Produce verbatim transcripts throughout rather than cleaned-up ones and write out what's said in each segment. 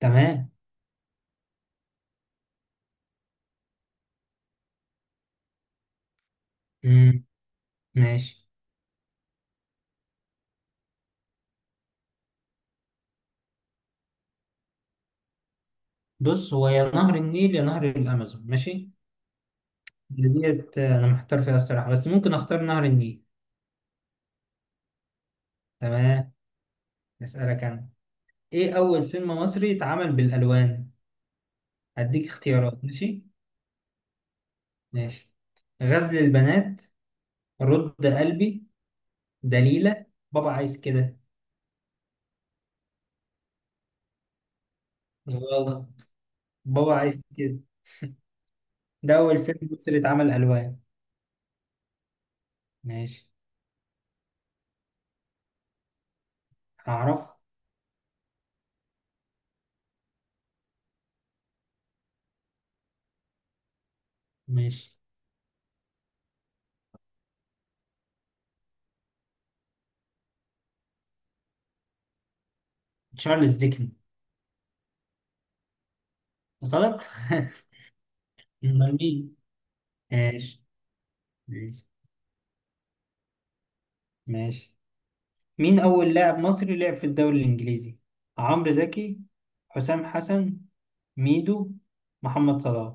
تمام. مم. ماشي. بص، هو يا نهر النيل يا نهر الامازون. ماشي، ديت انا محتار فيها الصراحه، بس ممكن اختار نهر النيل. تمام. اسالك انا. ايه اول فيلم مصري اتعمل بالالوان؟ هديك اختيارات. ماشي. ماشي. غزل البنات، رد قلبي، دليلة، بابا عايز كده. غلط. بابا عايز كده، ده اول فيلم مصري اتعمل الوان. ماشي. هعرف. ماشي. تشارلز ديكن. غلط. امال مين؟ ماشي. ماشي. ماشي. مين أول لاعب مصري لعب في الدوري الإنجليزي؟ عمرو زكي، حسام حسن، ميدو، محمد صلاح.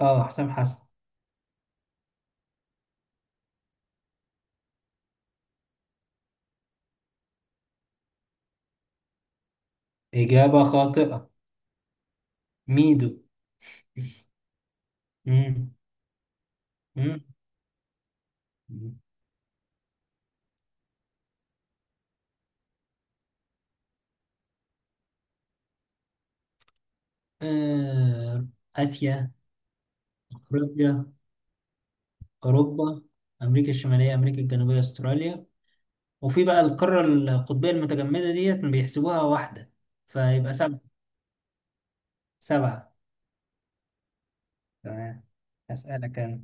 اه حسام حسن. إجابة خاطئة. ميدو. مم. مم. آه، آسيا، أفريقيا، أوروبا، أمريكا الشمالية، أمريكا الجنوبية، أستراليا. وفي بقى القارة القطبية المتجمدة ديت بيحسبوها واحدة، فيبقى سبعة. سبعة. تمام. أسألك أنا.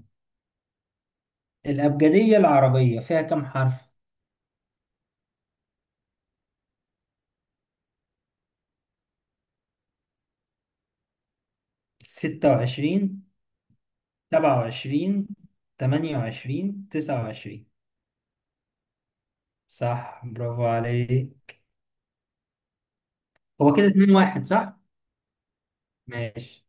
الأبجدية العربية فيها كم حرف؟ ستة وعشرين، سبعة وعشرين، تمانية وعشرين، تسعة وعشرين. صح برافو عليك. هو كده اتنين واحد صح؟ ماشي.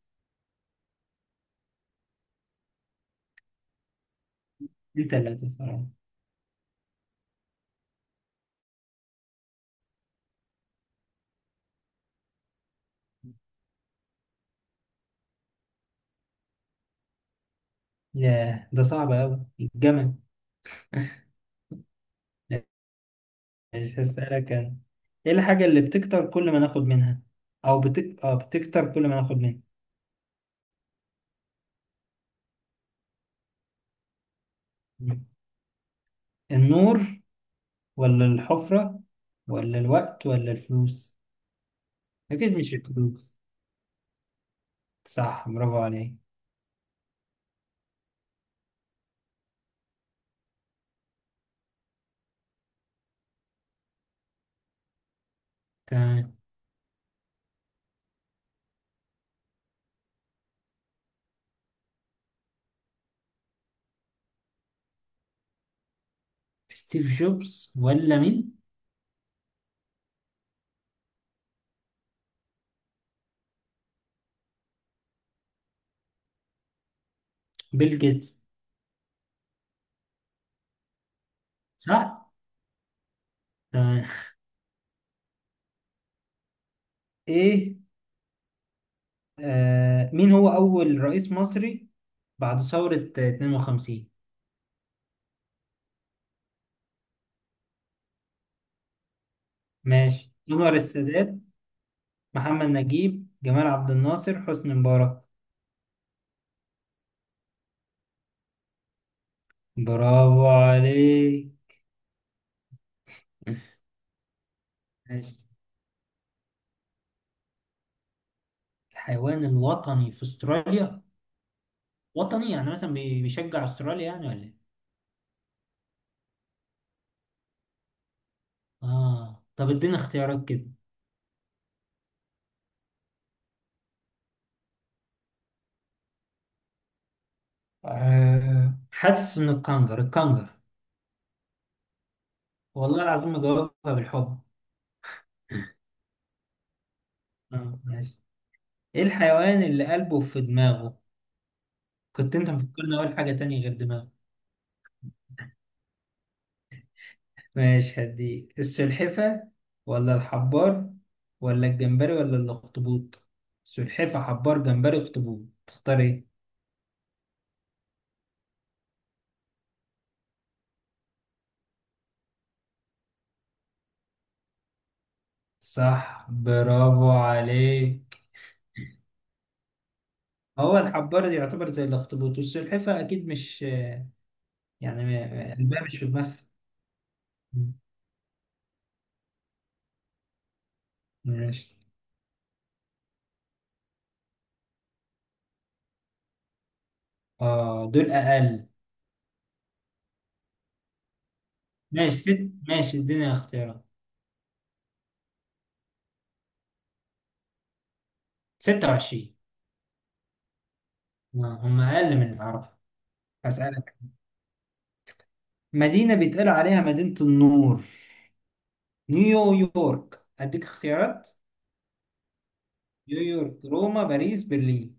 دي تلاتة صراحة. ياه ده صعب أوي، الجمل. ماشي هسألك أنا. إيه الحاجة اللي بتكتر كل ما ناخد منها؟ أو بتك... أه بتكتر كل ما ناخد منها. النور ولا الحفرة ولا الوقت ولا الفلوس؟ أكيد مش الفلوس. صح برافو عليك. تمام. ستيف جوبز ولا مين؟ بيل جيتس. صح؟ تمام. ايه. آه مين هو أول رئيس مصري بعد ثورة اثنين وخمسين؟ ماشي. أنور السادات، محمد نجيب، جمال عبد الناصر، حسني مبارك. برافو عليك. ماشي. الحيوان الوطني في استراليا. وطني يعني مثلا بي- بيشجع استراليا يعني ولا ايه؟ اه طب ادينا اختيارات كده. آه. حاسس ان الكنجر، الكنجر. والله العظيم مجاوبها بالحب. اه ماشي. ايه الحيوان اللي قلبه في دماغه؟ كنت انت مفكرني اقول حاجة تانية غير دماغه. ماشي هديك. السلحفة ولا الحبار ولا الجمبري ولا الاخطبوط؟ سلحفة، حبار، جمبري، اخطبوط. تختار ايه؟ صح برافو عليك. هو الحبار يعتبر زي الاخطبوط، والسلحفة اكيد مش يعني ما- قلبها مش في دماغها. ماشي. اه دول اقل. ماشي ست، ماشي الدنيا اختيارات. ستة وعشرين. آه، هم اقل من العرب. هسألك. مدينة بيتقال عليها مدينة النور. نيويورك. أديك اختيارات. نيويورك، روما، باريس، برلين.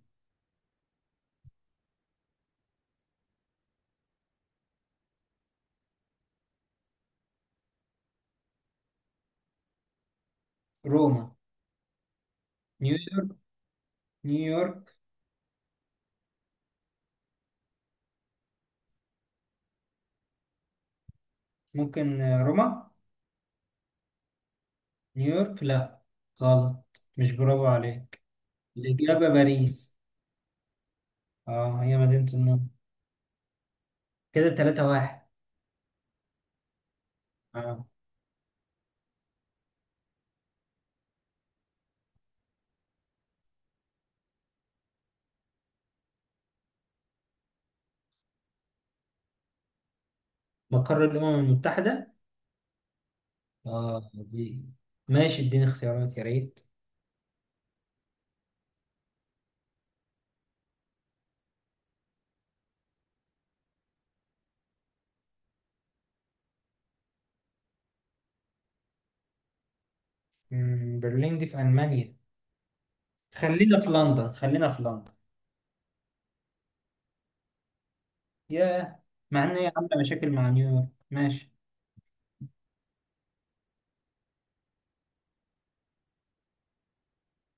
روما. نيويورك. نيويورك. ممكن آه، روما. نيويورك لا. غلط. مش برافو عليك. الإجابة باريس. اه هي مدينة النور. كده تلاتة واحد. اه مقر الأمم المتحدة. اه دي. ماشي اديني اختيارات يا ريت. مم، برلين دي في ألمانيا. خلينا في لندن، خلينا في لندن. ياه. مع ان هي عامله مشاكل مع نيويورك. ماشي.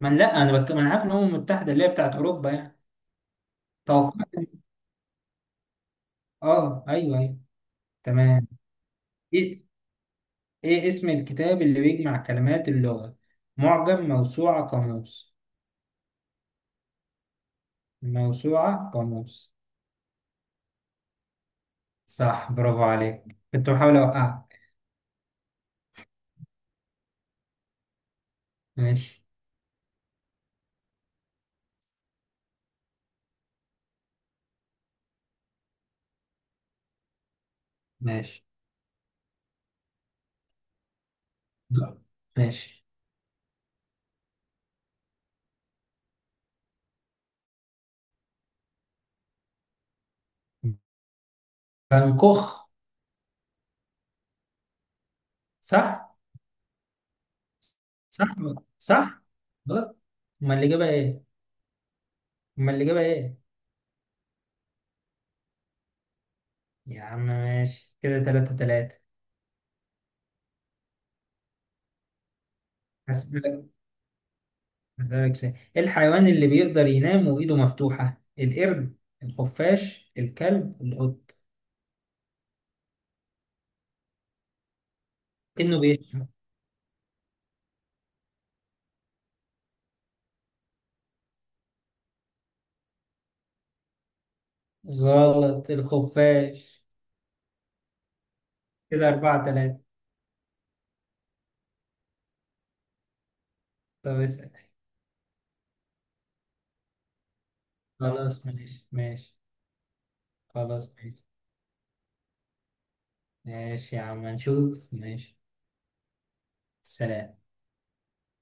ما أنا- لا انا بك... ما انا عارف ان الامم المتحده اللي هي بتاعت اوروبا يعني. توقعت. اه ايوه ايوه. تمام. ايه. ايه اسم الكتاب اللي بيجمع كلمات اللغه؟ معجم، موسوعه، قاموس. موسوعه قاموس. صح برافو عليك. كنت بحاول اوقعك. ماشي. ماشي. ماشي. بنكوخ. صح. صح. صح. غلط. امال الاجابه ايه؟ امال الاجابه ايه؟ يا عم ماشي كده تلاتة تلاتة. هسألك. هسألك سؤال. إيه الحيوان اللي بيقدر ينام وإيده مفتوحة؟ القرد، الخفاش، الكلب، القط. إنه بيشرب. غلط، الخفاش. كده أربعة تلاتة. طب اسأل. خلاص ماشي. ماشي. خلاص ماشي. ماشي يا عم نشوف. ماشي. سلام.